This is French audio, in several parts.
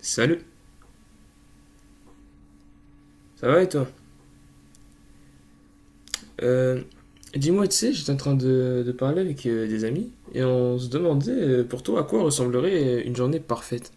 Salut, ça va et toi? Euh, Dis-moi, tu sais, j'étais en train de parler avec des amis et on se demandait pour toi à quoi ressemblerait une journée parfaite.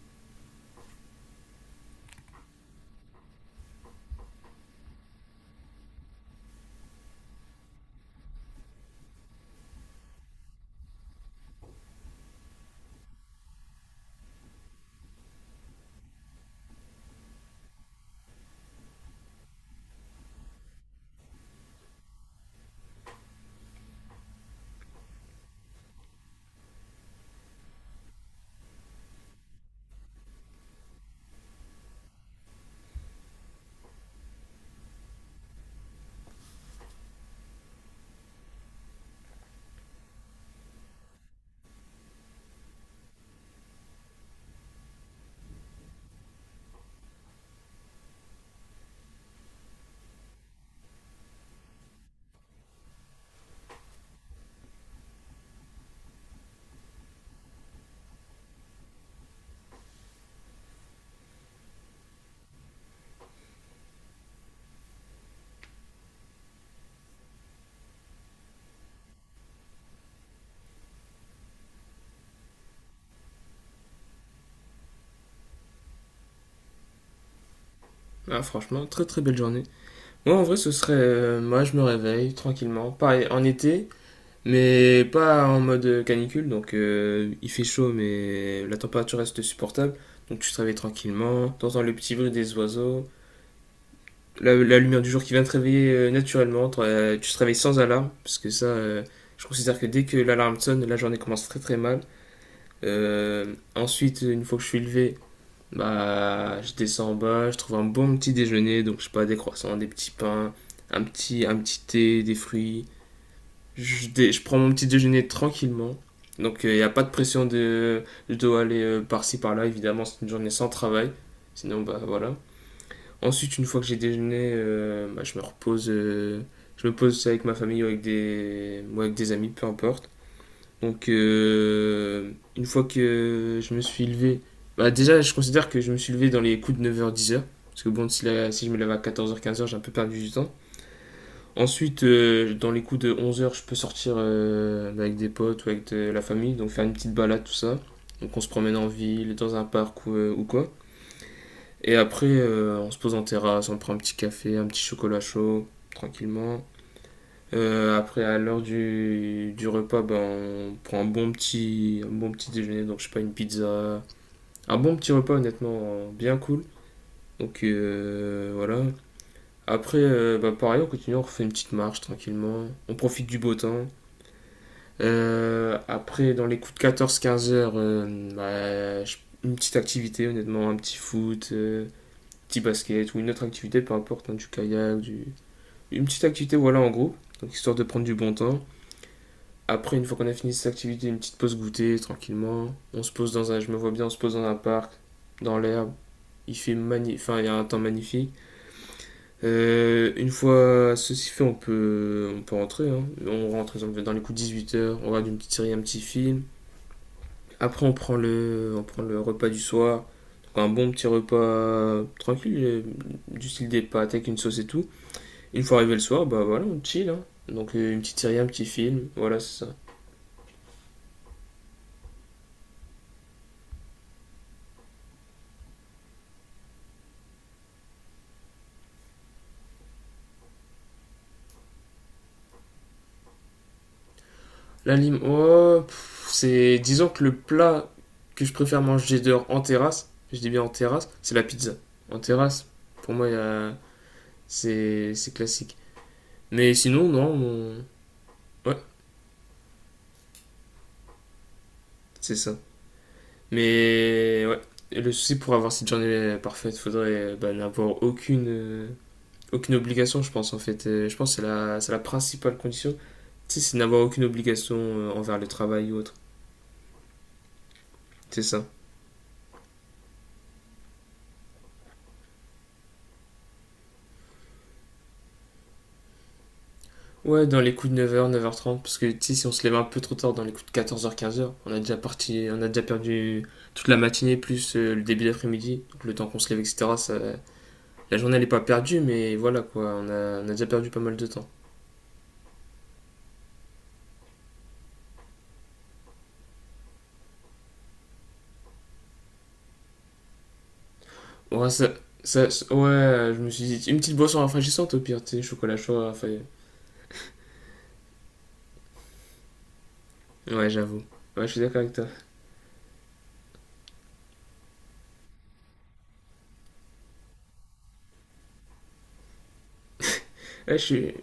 Ah, franchement, très très belle journée. Moi, en vrai, ce serait, moi, je me réveille tranquillement, pareil, en été, mais pas en mode canicule, donc il fait chaud, mais la température reste supportable, donc tu te réveilles tranquillement, t'entends le petit bruit des oiseaux, la lumière du jour qui vient te réveiller naturellement. Tu te réveilles sans alarme, parce que ça, je considère que dès que l'alarme sonne, la journée commence très très mal. Ensuite, une fois que je suis levé, bah, je descends en bas, je trouve un bon petit déjeuner, donc je sais pas, des croissants, des petits pains, un petit thé, des fruits. Je prends mon petit déjeuner tranquillement. Donc il n'y a pas de pression de je dois aller par-ci par-là, évidemment, c'est une journée sans travail. Sinon, bah voilà. Ensuite, une fois que j'ai déjeuné, bah, je me repose. Je me pose avec ma famille ou avec des amis, peu importe. Donc, une fois que je me suis levé. Bah, déjà, je considère que je me suis levé dans les coups de 9h 10h. Parce que bon, si je me lève à 14h 15h, j'ai un peu perdu du temps. Ensuite, dans les coups de 11h, je peux sortir avec des potes ou avec de la famille. Donc, faire une petite balade, tout ça. Donc, on se promène en ville, dans un parc ou quoi. Et après, on se pose en terrasse, on prend un petit café, un petit chocolat chaud, tranquillement. Après, à l'heure du repas, ben, on prend un bon petit déjeuner, donc je sais pas, une pizza. Un bon petit repas, honnêtement, bien cool. Donc voilà. Après, bah, pareil, on continue, on refait une petite marche tranquillement. On profite du beau temps. Après, dans les coups de 14-15 heures, une petite activité, honnêtement, un petit foot, petit basket ou une autre activité, peu importe, hein, du kayak, du... une petite activité, voilà, en gros, donc histoire de prendre du bon temps. Après, une fois qu'on a fini cette activité, une petite pause goûter, tranquillement. On se pose je me vois bien, on se pose dans un parc, dans l'herbe. Il fait magnifique, enfin, il y a un temps magnifique. Une fois ceci fait, on peut rentrer, hein. On rentre, exemple, dans les coups de 8h, on regarde une petite série, un petit film. Après, on prend le repas du soir. Donc, un bon petit repas tranquille, du style des pâtes avec une sauce et tout. Une fois arrivé le soir, bah voilà, on chill, hein. Donc une petite série, un petit film, voilà, c'est ça. L'anime, oh, c'est. Disons que le plat que je préfère manger dehors en terrasse, je dis bien en terrasse, c'est la pizza. En terrasse, pour moi, c'est classique. Mais sinon, non, on- ouais, c'est ça. Mais ouais. Et le souci pour avoir cette journée parfaite, faudrait bah, n'avoir aucune obligation, je pense, en fait. Je pense que c'est la principale condition, si c'est n'avoir aucune obligation envers le travail ou autre. C'est ça. Ouais, dans les coups de 9h 9h30, parce que tu sais, si on se lève un peu trop tard dans les coups de 14h 15h, on a déjà parti, on a déjà perdu toute la matinée plus le début d'après-midi, donc le temps qu'on se lève, etc. Ça, la journée elle est pas perdue, mais voilà quoi, on a déjà perdu pas mal de temps. Ouais, ouais, je me suis dit, une petite boisson rafraîchissante au pire, tu sais, chocolat chaud, enfin. Ouais, j'avoue. Ouais, je suis d'accord avec toi. Ouais, je suis...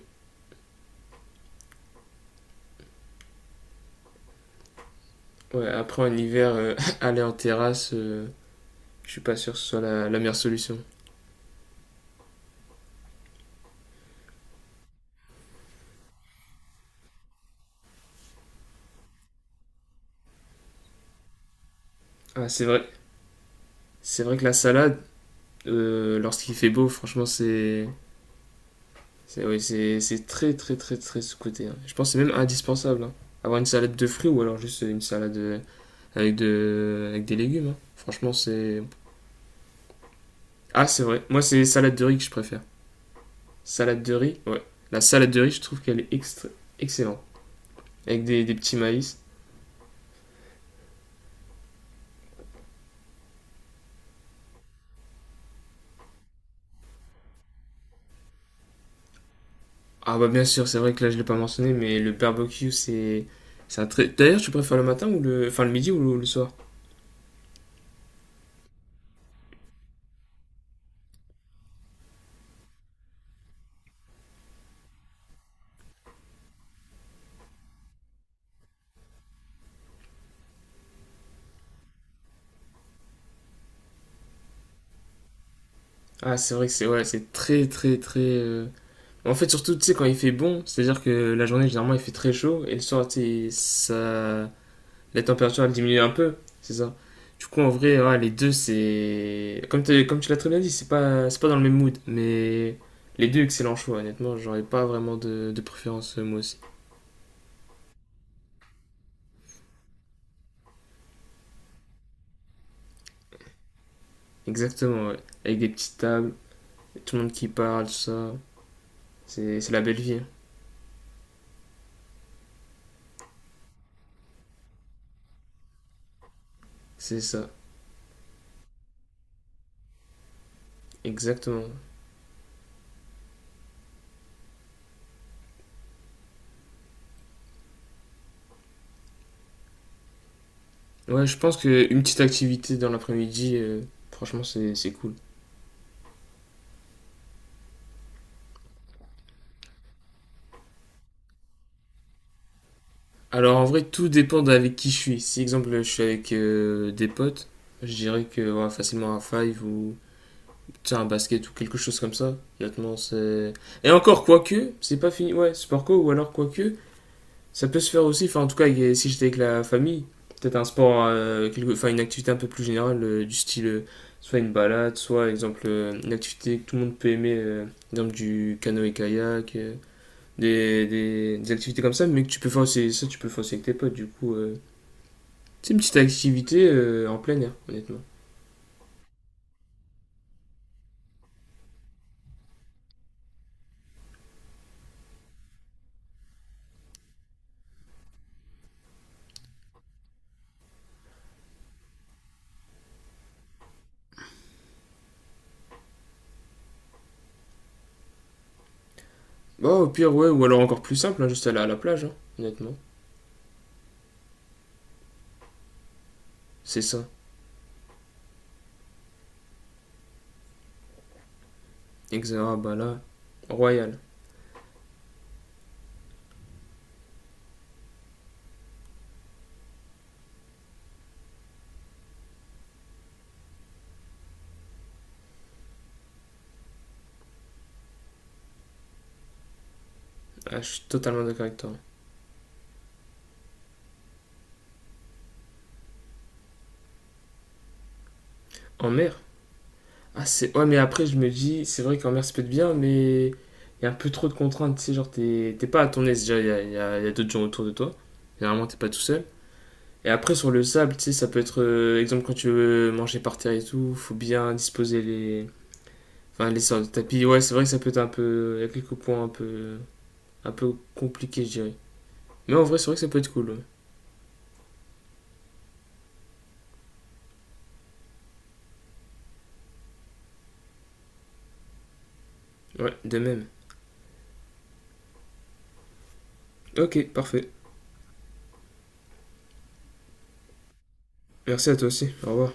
ouais, après en hiver, aller en terrasse, je suis pas sûr que ce soit la meilleure solution. Ah, c'est vrai. C'est vrai que la salade, lorsqu'il fait beau, franchement, c'est. C'est oui, c'est très, très, très, très sous-coté, hein. Je pense que c'est même indispensable, hein. Avoir une salade de fruits ou alors juste une salade avec des légumes, hein. Franchement, c'est. Ah, c'est vrai. Moi, c'est salade de riz que je préfère. Salade de riz, ouais. La salade de riz, je trouve qu'elle est excellente. Avec des petits maïs. Ah bah bien sûr, c'est vrai que là je l'ai pas mentionné, mais le barbecue c'est un très. D'ailleurs, tu préfères le matin ou le, enfin le midi ou le soir? Ah, c'est vrai que c'est ouais, c'est très très très. En fait, surtout tu sais quand il fait bon, c'est-à-dire que la journée généralement il fait très chaud et le soir tu sais, ça, la température elle diminue un peu, c'est ça. Du coup en vrai, ouais, les deux c'est comme tu l'as très bien dit, c'est pas dans le même mood, mais les deux excellents choix. Honnêtement, j'aurais pas vraiment de préférence, moi aussi. Exactement, ouais. Avec des petites tables. Tout le monde qui parle, ça. C'est la belle vie, hein. C'est ça, exactement. Ouais, je pense qu'une petite activité dans l'après-midi, franchement, c'est cool. Alors en vrai, tout dépend d'avec qui je suis. Si, exemple, je suis avec des potes, je dirais que ouais, facilement un five ou tu sais, un basket ou quelque chose comme ça. Honnêtement, c'est. Et encore, quoique, c'est pas fini. Ouais, sport co ou alors quoique, ça peut se faire aussi, enfin en tout cas si j'étais avec la famille, peut-être un sport, enfin une activité un peu plus générale du style soit une balade, soit exemple une activité que tout le monde peut aimer, exemple du canoë-kayak, des activités comme ça, mais que tu peux faire aussi, ça tu peux le faire aussi avec tes potes du coup. C'est une petite activité en plein air, honnêtement. Bah au pire ouais, ou alors encore plus simple, hein, juste aller à la plage, hein, honnêtement. C'est ça. Exact, ah, bah là, royal. Ah, je suis totalement d'accord avec toi. En mer? Ah, c'est... Ouais, mais après, je me dis, c'est vrai qu'en mer, ça peut être bien, mais il y a un peu trop de contraintes. Tu sais, genre, t'es pas à ton aise. Déjà, il y a, il y a- il y a d'autres gens autour de toi. Généralement, t'es pas tout seul. Et après, sur le sable, tu sais, ça peut être, exemple, quand tu veux manger par terre et tout, faut bien disposer les. Enfin, les sortes de tapis. Ouais, c'est vrai que ça peut être un peu. Il y a quelques points un peu. Un peu compliqués, je dirais. Mais en vrai, c'est vrai que ça peut être cool. Ouais, ouais, de même. Ok, parfait. Merci à toi aussi. Au revoir.